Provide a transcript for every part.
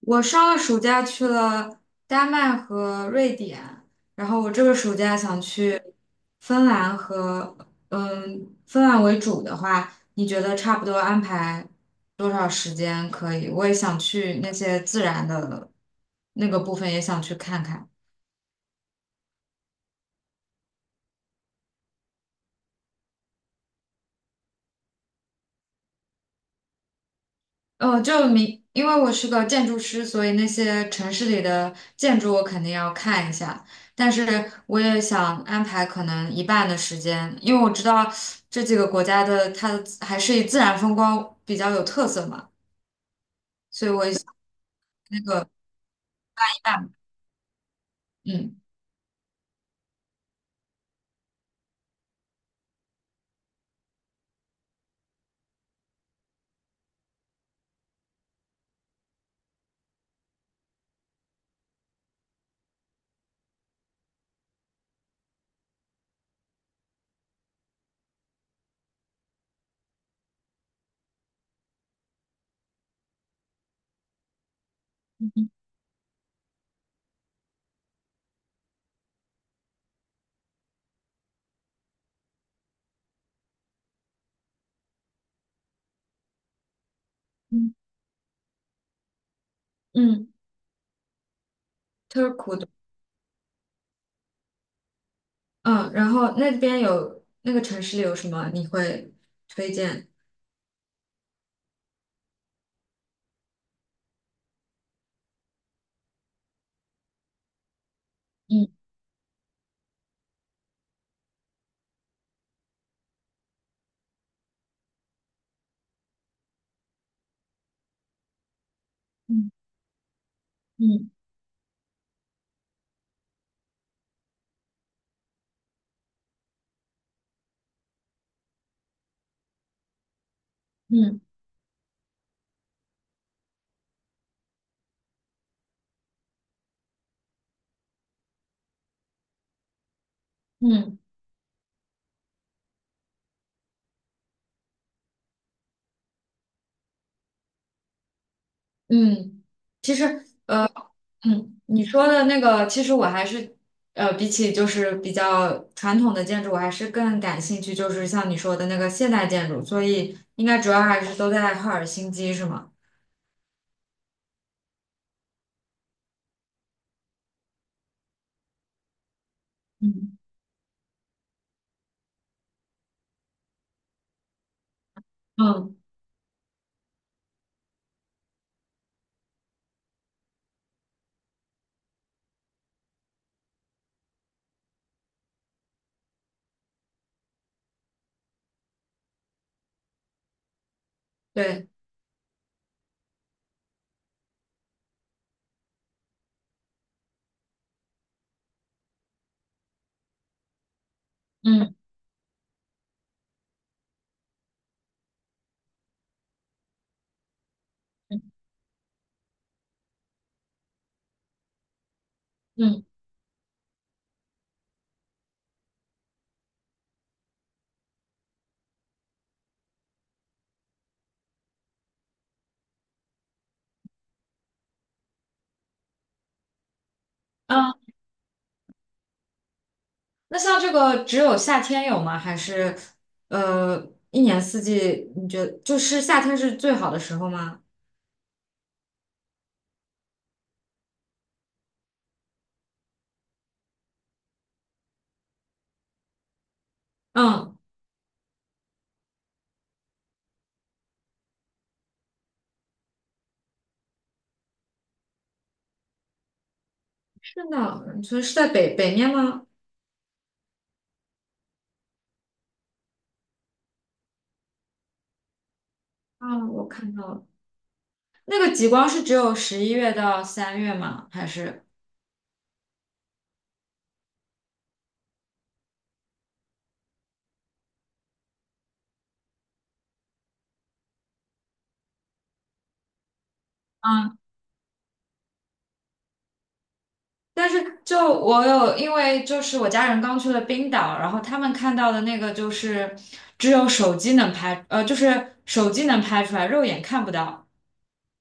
我上个暑假去了丹麦和瑞典，然后我这个暑假想去芬兰和芬兰为主的话，你觉得差不多安排多少时间可以？我也想去那些自然的那个部分，也想去看看。因为我是个建筑师，所以那些城市里的建筑我肯定要看一下。但是我也想安排可能一半的时间，因为我知道这几个国家的它的还是以自然风光比较有特色嘛，所以我那个一半，嗯嗯嗯，特库的，嗯，然后那边有那个城市里有什么你会推荐？嗯嗯嗯嗯嗯嗯，其实。嗯，你说的那个，其实我还是，比起就是比较传统的建筑，我还是更感兴趣，就是像你说的那个现代建筑，所以应该主要还是都在赫尔辛基，是吗？嗯。嗯，对，嗯嗯嗯，那像这个只有夏天有吗？还是一年四季？你觉得就是夏天是最好的时候吗？嗯，是的，你说是在北面吗？啊，我看到了，那个极光是只有11月到3月吗？还是？嗯，但是就我有，因为就是我家人刚去了冰岛，然后他们看到的那个就是只有手机能拍，就是手机能拍出来，肉眼看不到，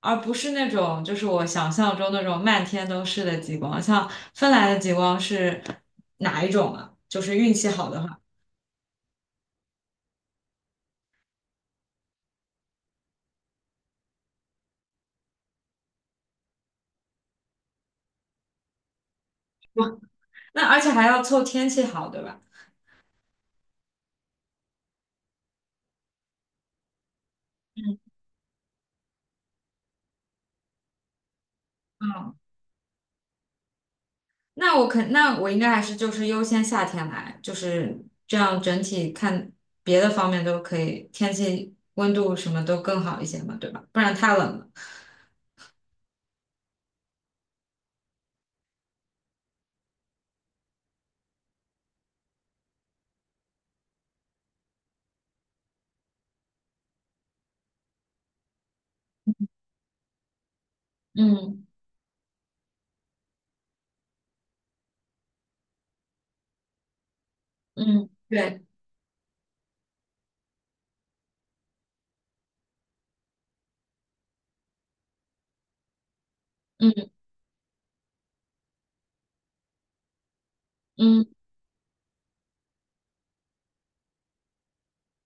而不是那种就是我想象中那种漫天都是的极光。像芬兰的极光是哪一种啊？就是运气好的话，那而且还要凑天气好，对吧？嗯，嗯，那我应该还是就是优先夏天来，就是这样整体看别的方面都可以，天气温度什么都更好一些嘛，对吧？不然太冷了。嗯嗯对，嗯嗯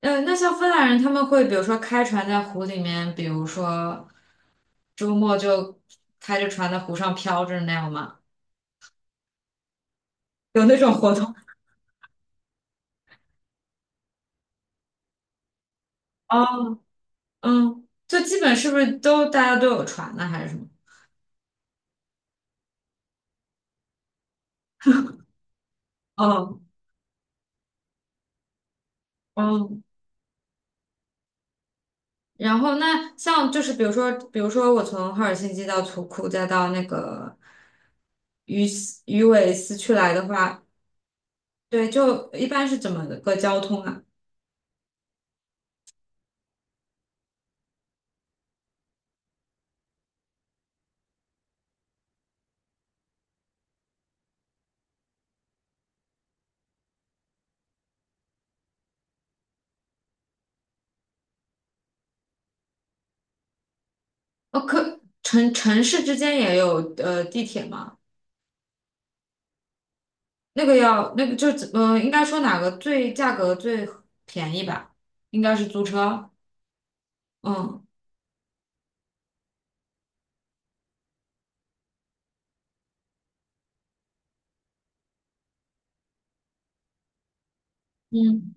那像芬兰人他们会比如说开船在湖里面，比如说周末就开着船在湖上飘着那样吗？有那种活动？哦，就基本是不是都大家都有船呢，还是什么？哦，哦，然后那像就是比如说我从赫尔辛基到图库再到那个鱼尾斯去来的话，对，就一般是怎么个交通啊？哦，可城市之间也有地铁吗？那个要那个应该说哪个最价格最便宜吧？应该是租车。嗯嗯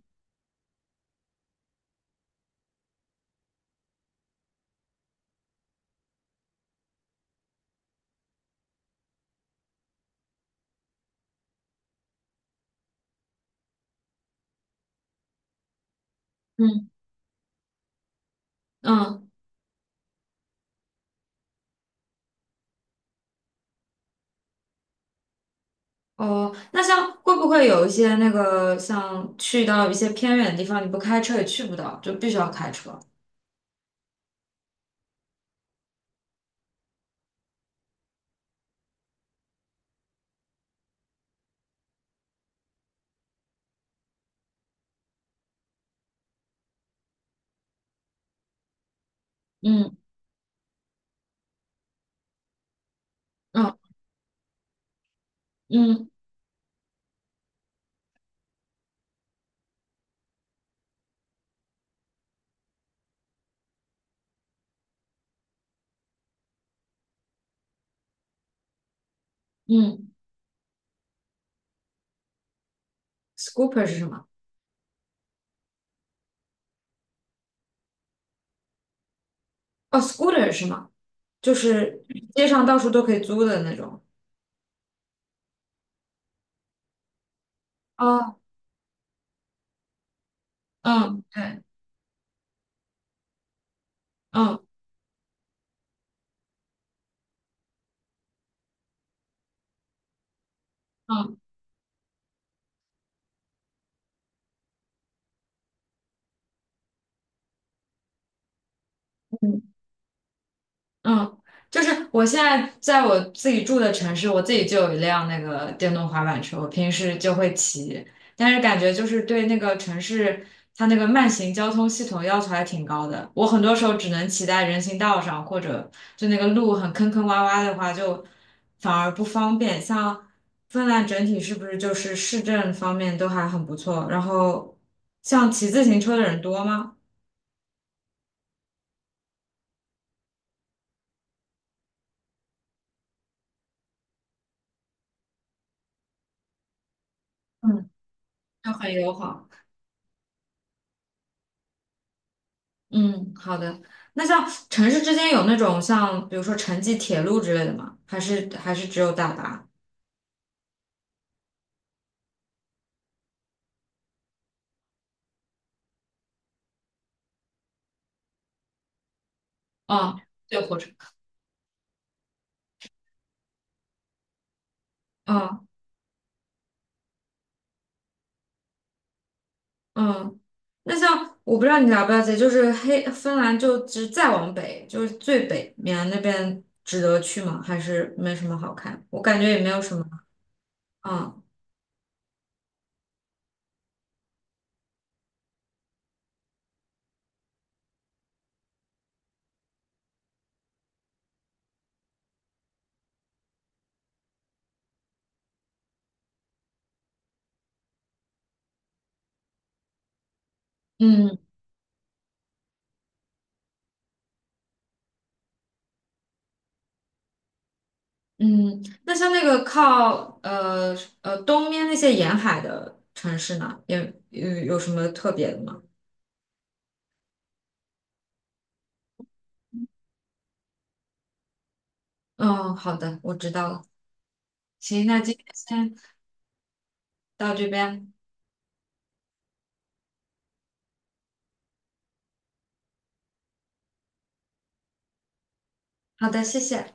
嗯，嗯哦，那像会不会有一些那个像去到一些偏远的地方，你不开车也去不到，就必须要开车？嗯嗯嗯嗯，scooper 是什么？哦，scooter 是吗？就是街上到处都可以租的那种。哦，嗯，对，嗯嗯嗯嗯，就是我现在在我自己住的城市，我自己就有一辆那个电动滑板车，我平时就会骑，但是感觉就是对那个城市它那个慢行交通系统要求还挺高的，我很多时候只能骑在人行道上，或者就那个路很坑坑洼洼的话，就反而不方便。像芬兰整体是不是就是市政方面都还很不错？然后像骑自行车的人多吗？嗯。就很友好。嗯，好的。那像城市之间有那种像比如说城际铁路之类的吗？还是只有大巴？哦，对，火车。嗯嗯。那像我不知道你了不了解，就是黑芬兰就只再往北，就是最北面那边值得去吗？还是没什么好看？我感觉也没有什么。嗯嗯嗯。那像那个靠东面那些沿海的城市呢，也有什么特别的吗？嗯，好的，我知道了。行，那今天先到这边。好的，谢谢。